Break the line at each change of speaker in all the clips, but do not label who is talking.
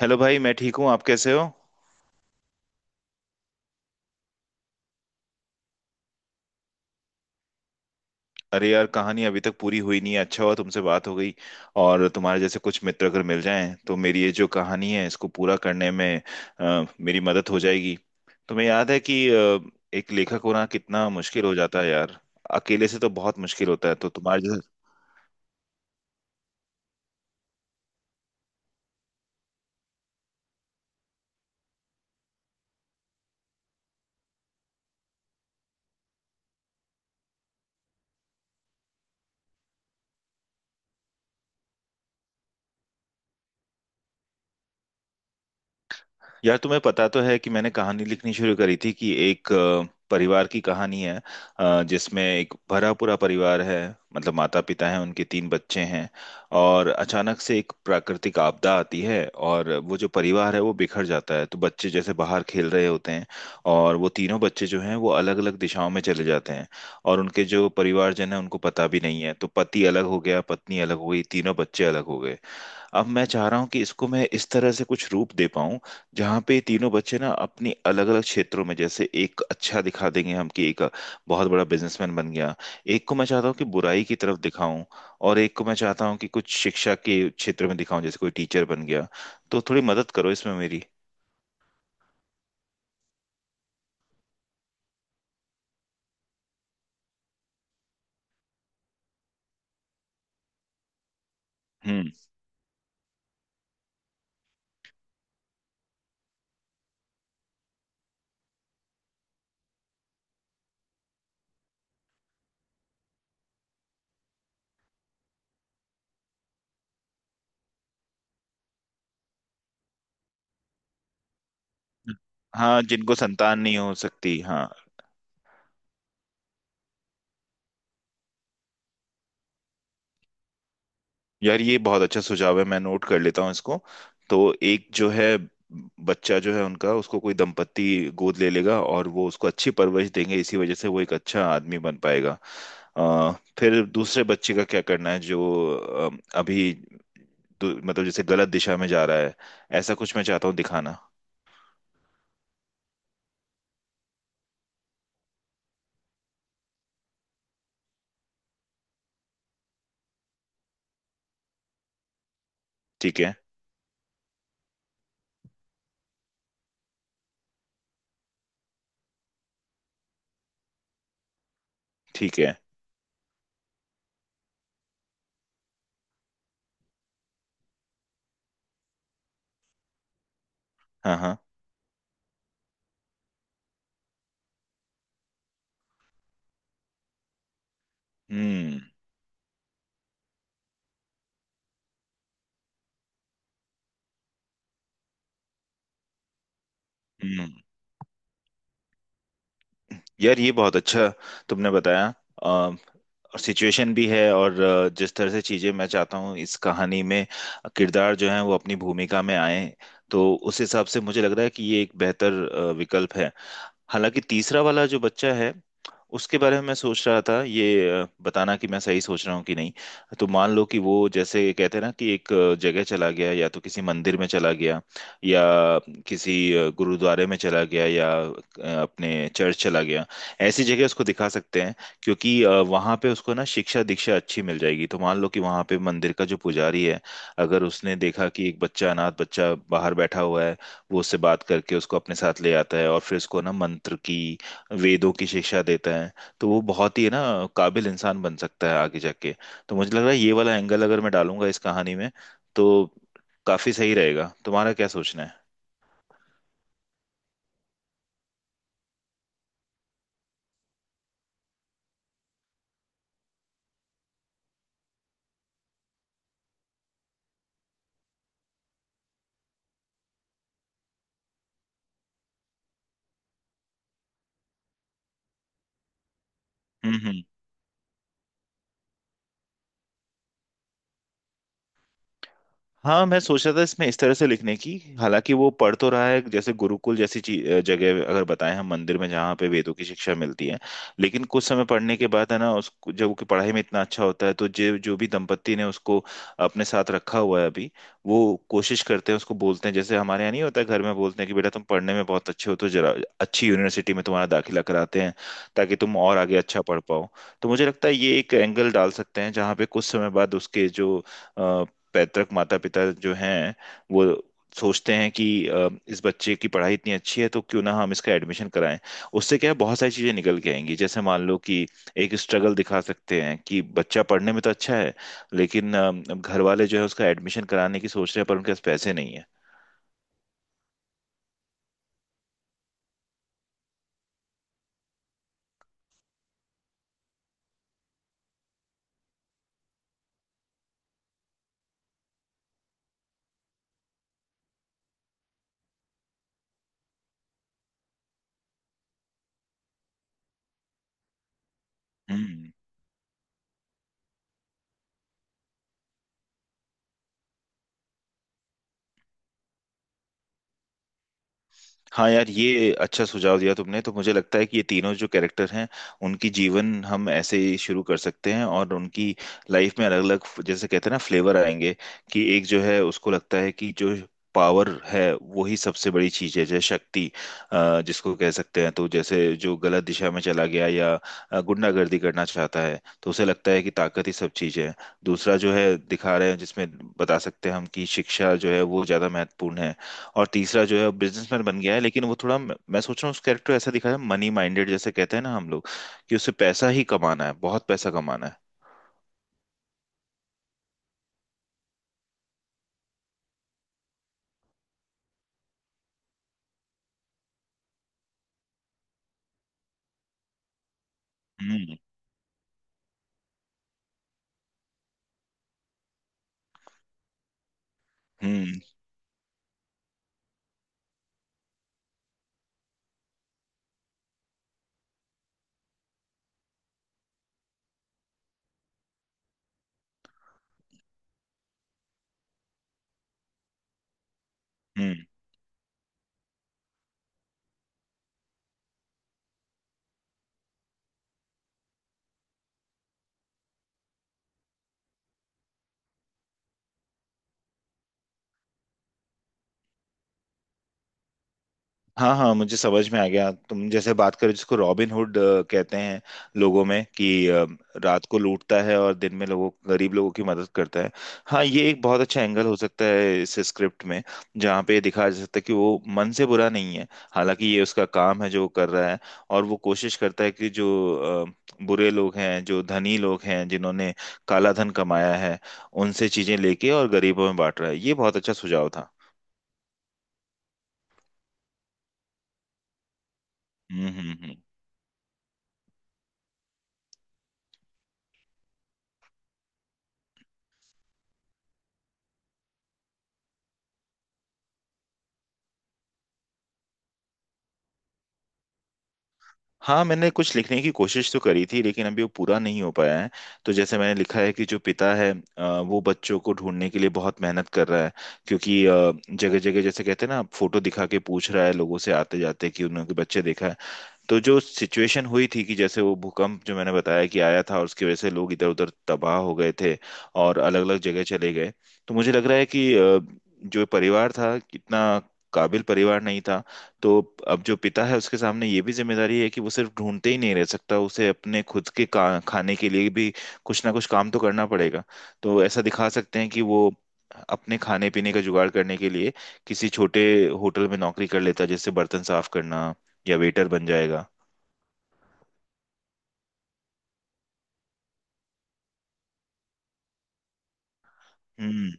Hello भाई, मैं ठीक हूँ। आप कैसे हो? अरे यार, कहानी अभी तक पूरी हुई नहीं है। अच्छा हुआ तुमसे बात हो गई। और तुम्हारे जैसे कुछ मित्र अगर मिल जाएं तो मेरी ये जो कहानी है इसको पूरा करने में मेरी मदद हो जाएगी। तुम्हें याद है कि एक लेखक होना कितना मुश्किल हो जाता है यार। अकेले से तो बहुत मुश्किल होता है, तो तुम्हारे जैसे। यार तुम्हें पता तो है कि मैंने कहानी लिखनी शुरू करी थी कि एक परिवार की कहानी है। जिसमें एक भरा पूरा परिवार है। मतलब माता पिता हैं, उनके तीन बच्चे हैं और अचानक से एक प्राकृतिक आपदा आती है और वो जो परिवार है वो बिखर जाता है। तो बच्चे जैसे बाहर खेल रहे होते हैं और वो तीनों बच्चे जो हैं वो अलग अलग दिशाओं में चले जाते हैं। और उनके जो परिवारजन है उनको पता भी नहीं है। तो पति अलग हो गया, पत्नी अलग हो गई, तीनों बच्चे अलग हो गए। अब मैं चाह रहा हूँ कि इसको मैं इस तरह से कुछ रूप दे पाऊँ जहाँ पे ये तीनों बच्चे ना अपनी अलग अलग क्षेत्रों में, जैसे एक अच्छा दिखा देंगे हम कि एक बहुत बड़ा बिजनेसमैन बन गया। एक को मैं चाहता हूँ कि बुराई की तरफ दिखाऊं और एक को मैं चाहता हूँ कि कुछ शिक्षा के क्षेत्र में दिखाऊं, जैसे कोई टीचर बन गया। तो थोड़ी मदद करो इसमें मेरी। हम्म। हाँ, जिनको संतान नहीं हो सकती, हाँ। यार ये बहुत अच्छा सुझाव है, मैं नोट कर लेता हूँ इसको। तो एक जो है बच्चा जो है उनका, उसको कोई दंपत्ति गोद ले लेगा और वो उसको अच्छी परवरिश देंगे, इसी वजह से वो एक अच्छा आदमी बन पाएगा। अ, फिर दूसरे बच्चे का क्या करना है जो अ, अभी मतलब जैसे गलत दिशा में जा रहा है, ऐसा कुछ मैं चाहता हूँ दिखाना। ठीक है। ठीक है। हाँ हाँ। हम्म। हम्म। यार ये बहुत अच्छा तुमने बताया। और सिचुएशन भी है और जिस तरह से चीजें मैं चाहता हूँ इस कहानी में किरदार जो है वो अपनी भूमिका में आए, तो उस हिसाब से मुझे लग रहा है कि ये एक बेहतर विकल्प है। हालांकि तीसरा वाला जो बच्चा है उसके बारे में मैं सोच रहा था, ये बताना कि मैं सही सोच रहा हूँ कि नहीं। तो मान लो कि वो जैसे कहते हैं ना कि एक जगह चला गया, या तो किसी मंदिर में चला गया या किसी गुरुद्वारे में चला गया या अपने चर्च चला गया। ऐसी जगह उसको दिखा सकते हैं, क्योंकि वहाँ पे उसको ना शिक्षा दीक्षा अच्छी मिल जाएगी। तो मान लो कि वहाँ पे मंदिर का जो पुजारी है, अगर उसने देखा कि एक बच्चा, अनाथ बच्चा बाहर बैठा हुआ है, वो उससे बात करके उसको अपने साथ ले आता है और फिर उसको ना मंत्र की, वेदों की शिक्षा देता है। तो वो बहुत ही ना काबिल इंसान बन सकता है आगे जाके। तो मुझे लग रहा है ये वाला एंगल अगर मैं डालूंगा इस कहानी में तो काफी सही रहेगा। तुम्हारा क्या सोचना है? हम्म। हम्म। हाँ, मैं सोच रहा था इसमें इस तरह से लिखने की। हालांकि वो पढ़ तो रहा है, जैसे गुरुकुल जैसी जगह अगर बताएं हम, मंदिर में जहाँ पे वेदों की शिक्षा मिलती है। लेकिन कुछ समय पढ़ने के बाद है ना, उसको जब उसकी पढ़ाई में इतना अच्छा होता है, तो जो जो भी दंपत्ति ने उसको अपने साथ रखा हुआ है अभी, वो कोशिश करते हैं, उसको बोलते हैं जैसे हमारे यहाँ नहीं होता है, घर में बोलते हैं कि बेटा तुम पढ़ने में बहुत अच्छे हो, तो जरा अच्छी यूनिवर्सिटी में तुम्हारा दाखिला कराते हैं, ताकि तुम और आगे अच्छा पढ़ पाओ। तो मुझे लगता है ये एक एंगल डाल सकते हैं जहाँ पे कुछ समय बाद उसके जो पैतृक माता पिता जो हैं, वो सोचते हैं कि इस बच्चे की पढ़ाई इतनी अच्छी है, तो क्यों ना हम इसका एडमिशन कराएं। उससे क्या है, बहुत सारी चीजें निकल के आएंगी, जैसे मान लो कि एक स्ट्रगल दिखा सकते हैं कि बच्चा पढ़ने में तो अच्छा है, लेकिन घर वाले जो है उसका एडमिशन कराने की सोच रहे हैं, पर उनके पास पैसे नहीं है। हाँ यार, ये अच्छा सुझाव दिया तुमने। तो मुझे लगता है कि ये तीनों जो कैरेक्टर हैं उनकी जीवन हम ऐसे ही शुरू कर सकते हैं और उनकी लाइफ में अलग अलग, जैसे कहते हैं ना, फ्लेवर आएंगे। कि एक जो है उसको लगता है कि जो पावर है वो ही सबसे बड़ी चीज है, जैसे शक्ति जिसको कह सकते हैं। तो जैसे जो गलत दिशा में चला गया या गुंडागर्दी करना चाहता है, तो उसे लगता है कि ताकत ही सब चीज है। दूसरा जो है दिखा रहे हैं जिसमें बता सकते हैं हम कि शिक्षा जो है वो ज्यादा महत्वपूर्ण है। और तीसरा जो है बिजनेसमैन बन गया है, लेकिन वो थोड़ा मैं सोच रहा हूँ उस कैरेक्टर ऐसा दिखाया, मनी माइंडेड, जैसे कहते हैं ना हम लोग, कि उसे पैसा ही कमाना है, बहुत पैसा कमाना है। हम्म। हम्म। हम्म। हाँ हाँ, मुझे समझ में आ गया, तुम जैसे बात करो जिसको रॉबिन हुड कहते हैं लोगों में, कि रात को लूटता है और दिन में लोगों, गरीब लोगों की मदद करता है। हाँ, ये एक बहुत अच्छा एंगल हो सकता है इस स्क्रिप्ट में, जहाँ पे दिखाया जा सकता है कि वो मन से बुरा नहीं है। हालांकि ये उसका काम है जो वो कर रहा है, और वो कोशिश करता है कि जो बुरे लोग हैं, जो धनी लोग हैं, जिन्होंने काला धन कमाया है, उनसे चीजें लेके और गरीबों में बांट रहा है। ये बहुत अच्छा सुझाव था। हम्म। हम्म। हम्म। हाँ, मैंने कुछ लिखने की कोशिश तो करी थी, लेकिन अभी वो पूरा नहीं हो पाया है। तो जैसे मैंने लिखा है कि जो पिता है, वो बच्चों को ढूंढने के लिए बहुत मेहनत कर रहा है, क्योंकि जगह जगह जैसे कहते हैं ना, फोटो दिखा के पूछ रहा है लोगों से आते जाते कि उन्होंने बच्चे देखा है। तो जो सिचुएशन हुई थी, कि जैसे वो भूकंप जो मैंने बताया कि आया था और उसकी वजह से लोग इधर उधर तबाह हो गए थे और अलग अलग जगह चले गए। तो मुझे लग रहा है कि जो परिवार था कितना काबिल परिवार नहीं था। तो अब जो पिता है उसके सामने ये भी जिम्मेदारी है कि वो सिर्फ ढूंढते ही नहीं रह सकता, उसे अपने खुद के खाने के लिए भी कुछ ना कुछ काम तो करना पड़ेगा। तो ऐसा दिखा सकते हैं कि वो अपने खाने पीने का जुगाड़ करने के लिए किसी छोटे होटल में नौकरी कर लेता, जैसे बर्तन साफ करना या वेटर बन जाएगा। हम्म।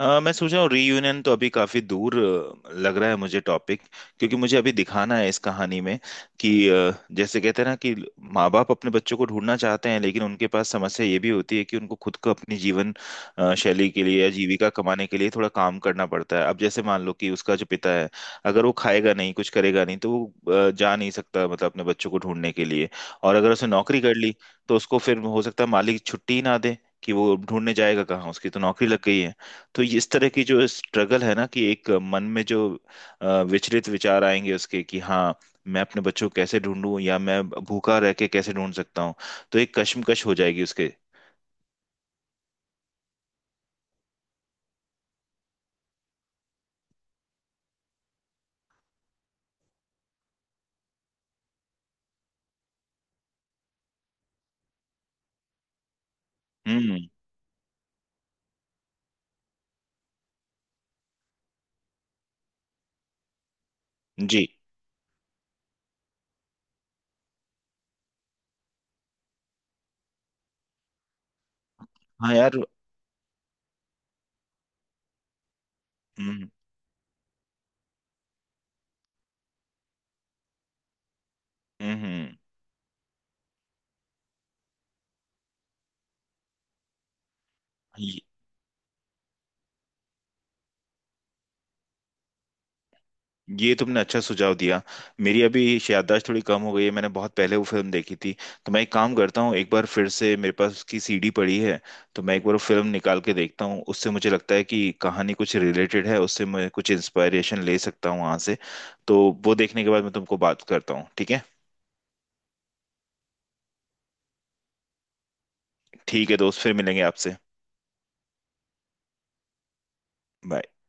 हाँ, मैं सोच रहा हूँ रीयूनियन तो अभी काफी दूर लग रहा है मुझे टॉपिक। क्योंकि मुझे अभी दिखाना है इस कहानी में कि जैसे कहते हैं ना कि माँ बाप अपने बच्चों को ढूंढना चाहते हैं, लेकिन उनके पास समस्या ये भी होती है कि उनको खुद को अपनी जीवन शैली के लिए या जीविका कमाने के लिए थोड़ा काम करना पड़ता है। अब जैसे मान लो कि उसका जो पिता है, अगर वो खाएगा नहीं, कुछ करेगा नहीं, तो वो जा नहीं सकता, मतलब अपने बच्चों को ढूंढने के लिए। और अगर उसने नौकरी कर ली, तो उसको फिर हो सकता है मालिक छुट्टी ही ना दे, कि वो ढूंढने जाएगा कहाँ, उसकी तो नौकरी लग गई है। तो ये इस तरह की जो स्ट्रगल है ना, कि एक मन में जो विचलित विचार आएंगे उसके, कि हाँ मैं अपने बच्चों को कैसे ढूंढूं, या मैं भूखा रह के कैसे ढूंढ सकता हूँ। तो एक कश्मकश हो जाएगी उसके। हम्म। जी। हाँ यार। हम्म। हम्म। हम्म। ये तुमने अच्छा सुझाव दिया। मेरी अभी याददाश्त थोड़ी कम हो गई है, मैंने बहुत पहले वो फिल्म देखी थी। तो मैं एक काम करता हूँ, एक बार फिर से, मेरे पास उसकी सीडी पड़ी है, तो मैं एक बार वो फिल्म निकाल के देखता हूँ। उससे मुझे लगता है कि कहानी कुछ रिलेटेड है, उससे मैं कुछ इंस्पायरेशन ले सकता हूँ वहाँ से। तो वो देखने के बाद मैं तुमको बात करता हूँ, ठीक है? ठीक है दोस्त, फिर मिलेंगे आपसे। Bye.